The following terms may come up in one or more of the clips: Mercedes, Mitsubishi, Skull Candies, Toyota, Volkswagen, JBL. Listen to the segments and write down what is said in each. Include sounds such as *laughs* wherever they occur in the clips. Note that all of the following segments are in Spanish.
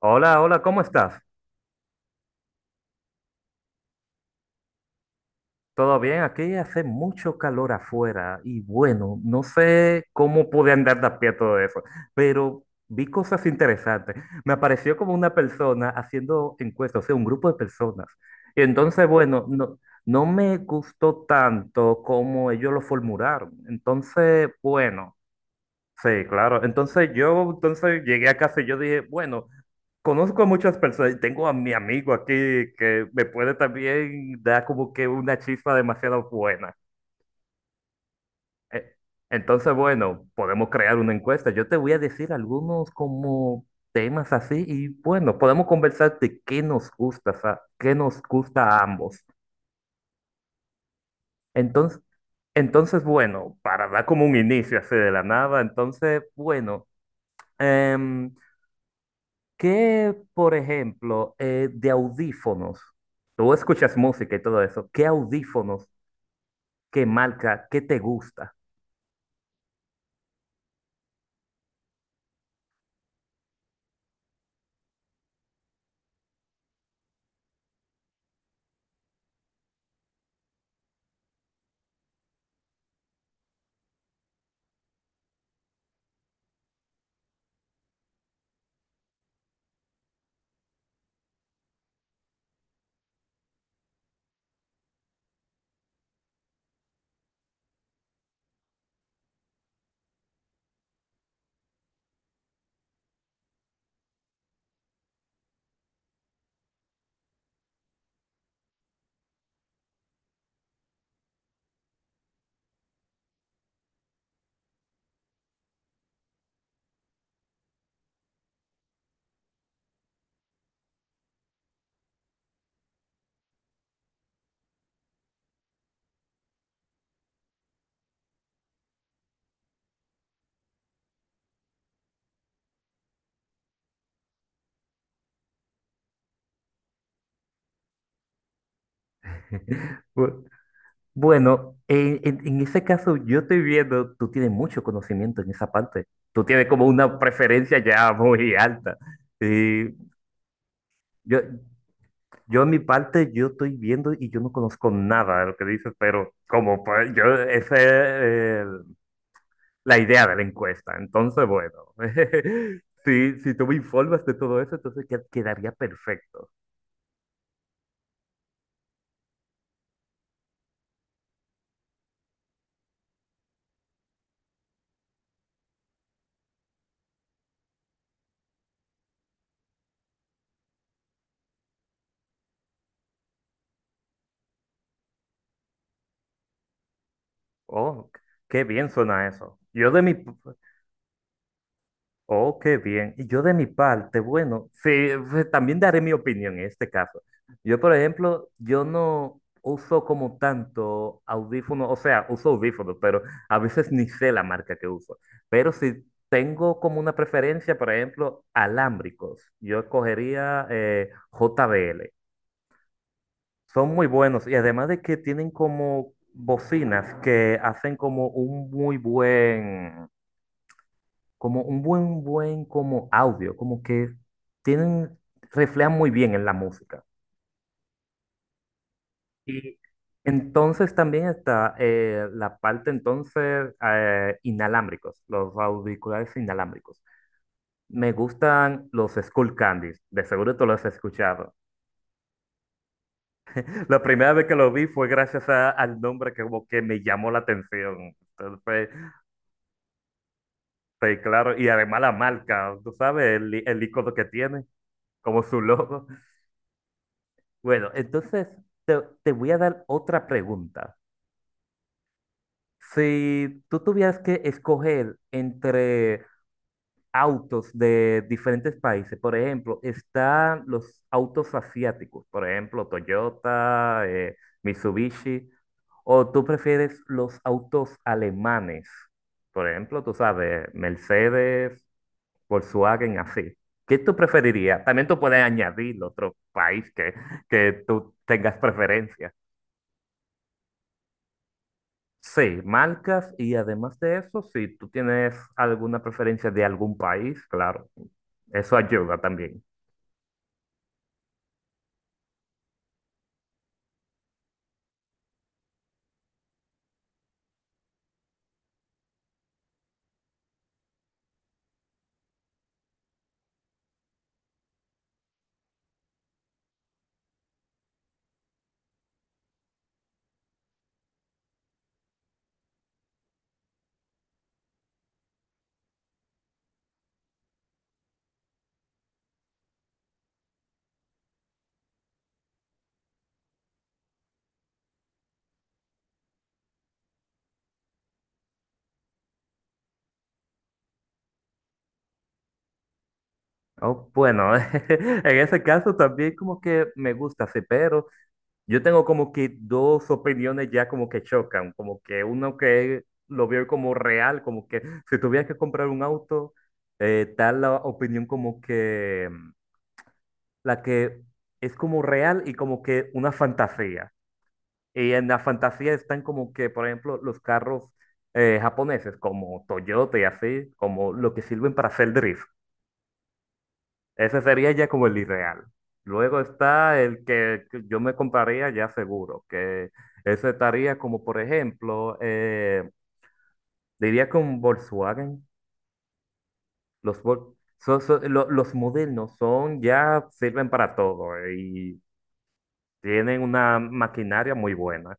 Hola, hola, ¿cómo estás? ¿Todo bien? Aquí hace mucho calor afuera y bueno, no sé cómo pude andar de a pie a todo eso, pero vi cosas interesantes. Me apareció como una persona haciendo encuestas, o sea, un grupo de personas. Y entonces, bueno, no, no me gustó tanto como ellos lo formularon. Entonces, bueno, sí, claro. Entonces yo, entonces llegué a casa y yo dije, bueno. Conozco a muchas personas y tengo a mi amigo aquí que me puede también dar como que una chispa demasiado buena. Eh, Entonces, bueno, podemos crear una encuesta. Yo te voy a decir algunos como temas así y bueno, podemos conversar de qué nos gusta, qué nos gusta a ambos. Entonces, entonces, bueno, para dar como un inicio así de la nada, entonces, bueno, em, ¿Qué, por ejemplo, de audífonos? Tú escuchas música y todo eso. ¿Qué audífonos, qué marca, qué te gusta? *laughs* Bu- Bueno, en ese caso yo estoy viendo, tú tienes mucho conocimiento en esa parte. Tú tienes como una preferencia ya *laughs* muy alta. Y yo, yo en mi parte, yo estoy viendo y yo no conozco nada de lo que dices, pero como pues, yo, ese, la idea de la encuesta. Entonces, bueno, *laughs* sí si tú me informas de todo eso, entonces que quedaría perfecto. Oh, qué bien suena eso. Yo de mi... Oh, qué bien. Y yo de mi parte, bueno, sí, pues, también daré mi opinión en este caso. Yo, por ejemplo, yo no uso como tanto audífonos, o sea, uso audífonos, pero a veces ni sé la marca que uso. Pero si tengo como una preferencia, por ejemplo, alámbricos, yo escogería JBL. Son muy buenos y además de que tienen como bocinas que hacen como un muy buen, como un buen, buen como audio, como que tienen, reflejan muy bien en la música. Y entonces también está la parte entonces inalámbricos, los auriculares inalámbricos. Me gustan los Skull Candies, de seguro tú los has escuchado. *laughs* La primera vez que lo vi fue gracias al nombre que como que me llamó la atención. Entonces, fue sí, claro, y además la marca, tú sabes, el icono que tiene, como su logo. Bueno, entonces te voy a dar otra pregunta. Si tú tuvieras que escoger entre autos de diferentes países, por ejemplo, están los autos asiáticos, por ejemplo, Toyota, Mitsubishi, o tú prefieres los autos alemanes, por ejemplo, tú sabes, Mercedes, Volkswagen así. ¿Qué tú preferirías? También tú puedes añadir otro país que tú tengas preferencia. Sí, marcas y además de eso, si tú tienes alguna preferencia de algún país, claro, eso ayuda también. Oh, bueno, *laughs* en ese caso también como que me gusta, sí, pero yo tengo como que dos opiniones ya como que chocan, como que uno que lo veo como real, como que si tuviera que comprar un auto, tal la opinión como que la que es como real y como que una fantasía. Y en la fantasía están como que, por ejemplo, los carros japoneses como Toyota y así, como lo que sirven para hacer drift. Ese sería ya como el irreal. Luego está el que yo me compraría ya seguro, que ese estaría como, por ejemplo, diría con Volkswagen. Los, los modernos son, ya sirven para todo y tienen una maquinaria muy buena.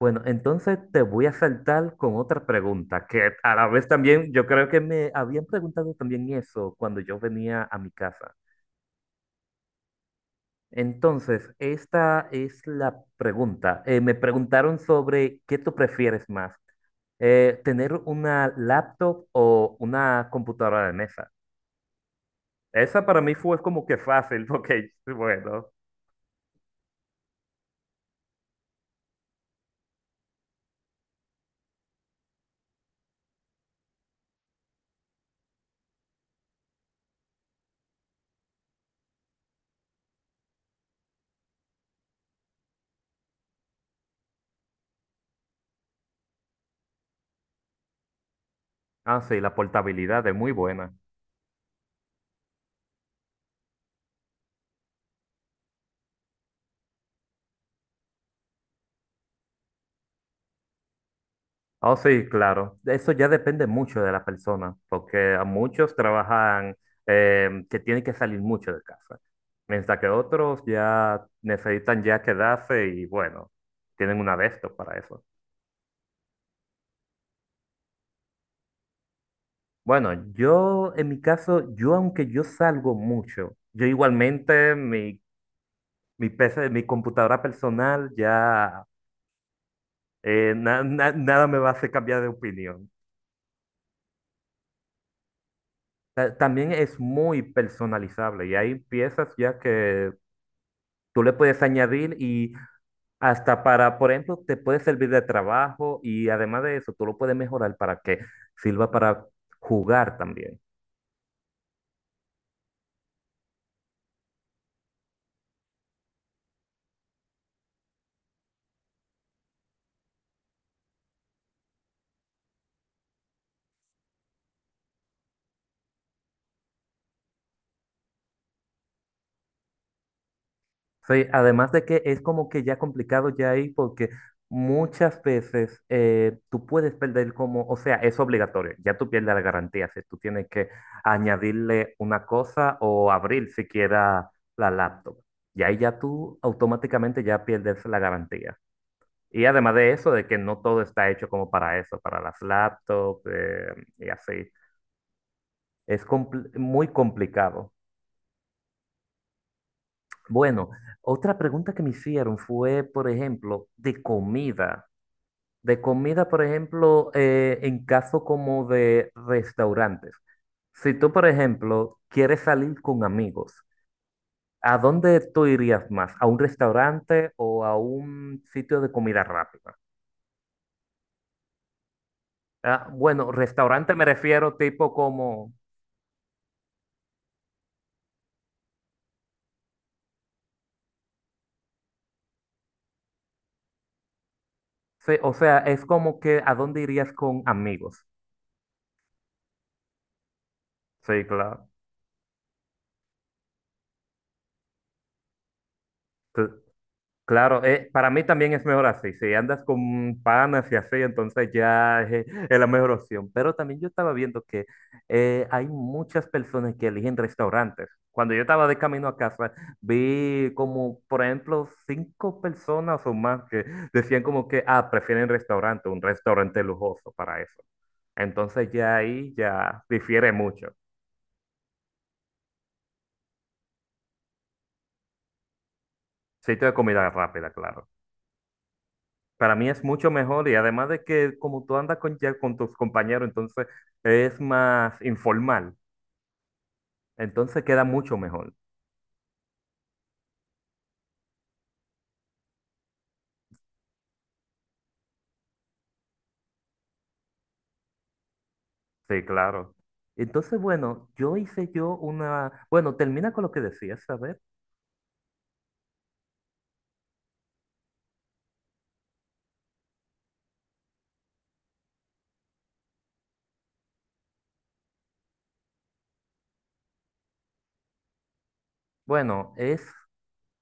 Bueno, entonces te voy a saltar con otra pregunta, que a la vez también yo creo que me habían preguntado también eso cuando yo venía a mi casa. Entonces, esta es la pregunta. Me preguntaron sobre qué tú prefieres más, tener una laptop o una computadora de mesa. Esa para mí fue como que fácil, porque, *laughs* bueno, ah, sí, la portabilidad es muy buena. Ah, sí, claro. Eso ya depende mucho de la persona, porque a muchos trabajan que tienen que salir mucho de casa, mientras que otros ya necesitan ya quedarse y, bueno, tienen una de estos para eso. Bueno, yo en mi caso, yo aunque yo salgo mucho, yo igualmente mi PC, mi computadora personal ya nada me va a hacer cambiar de opinión. También es muy personalizable y hay piezas ya que tú le puedes añadir y hasta para, por ejemplo, te puede servir de trabajo y además de eso, tú lo puedes mejorar para que sirva para jugar también. Sí, además de que es como que ya complicado ya ahí porque muchas veces tú puedes perder como, o sea, es obligatorio, ya tú pierdes la garantía si tú tienes que añadirle una cosa o abrir siquiera la laptop. Y ahí ya tú automáticamente ya pierdes la garantía. Y además de eso, de que no todo está hecho como para eso, para las laptops y así. Es muy complicado. Bueno, otra pregunta que me hicieron fue, por ejemplo, de comida. De comida, por ejemplo, en caso como de restaurantes. Si tú, por ejemplo, quieres salir con amigos, ¿a dónde tú irías más? ¿A un restaurante o a un sitio de comida rápida? Ah, bueno, restaurante me refiero tipo como, sí, o sea, es como que ¿a dónde irías con amigos? Sí, claro. Sí. Claro, para mí también es mejor así. Si andas con panas y así, entonces ya es la mejor opción. Pero también yo estaba viendo que hay muchas personas que eligen restaurantes. Cuando yo estaba de camino a casa, vi como, por ejemplo, 5 personas o más que decían como que, ah, prefieren restaurante, un restaurante lujoso para eso. Entonces ya ahí ya difiere mucho. Sitio de comida rápida, claro. Para mí es mucho mejor y además de que como tú andas con, ya con tus compañeros, entonces es más informal, entonces queda mucho mejor. Sí, claro. Entonces, bueno, yo hice yo una, bueno, termina con lo que decías, a ver. Bueno, es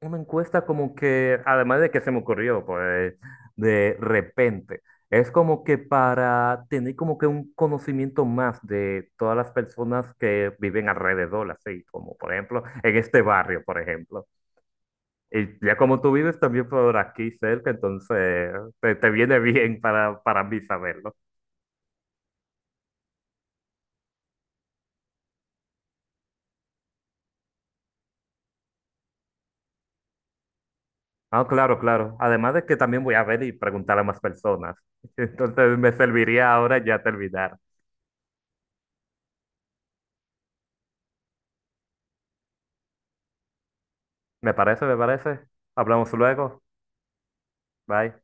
una encuesta como que, además de que se me ocurrió, pues, de repente, es como que para tener como que un conocimiento más de todas las personas que viven alrededor, así como, por ejemplo, en este barrio, por ejemplo. Y ya como tú vives también por aquí cerca, entonces te viene bien para mí saberlo. Ah, claro, claro. Además de que también voy a ver y preguntar a más personas. *laughs* Entonces me serviría ahora ya terminar. ¿Me parece? ¿Me parece? Hablamos luego. Bye.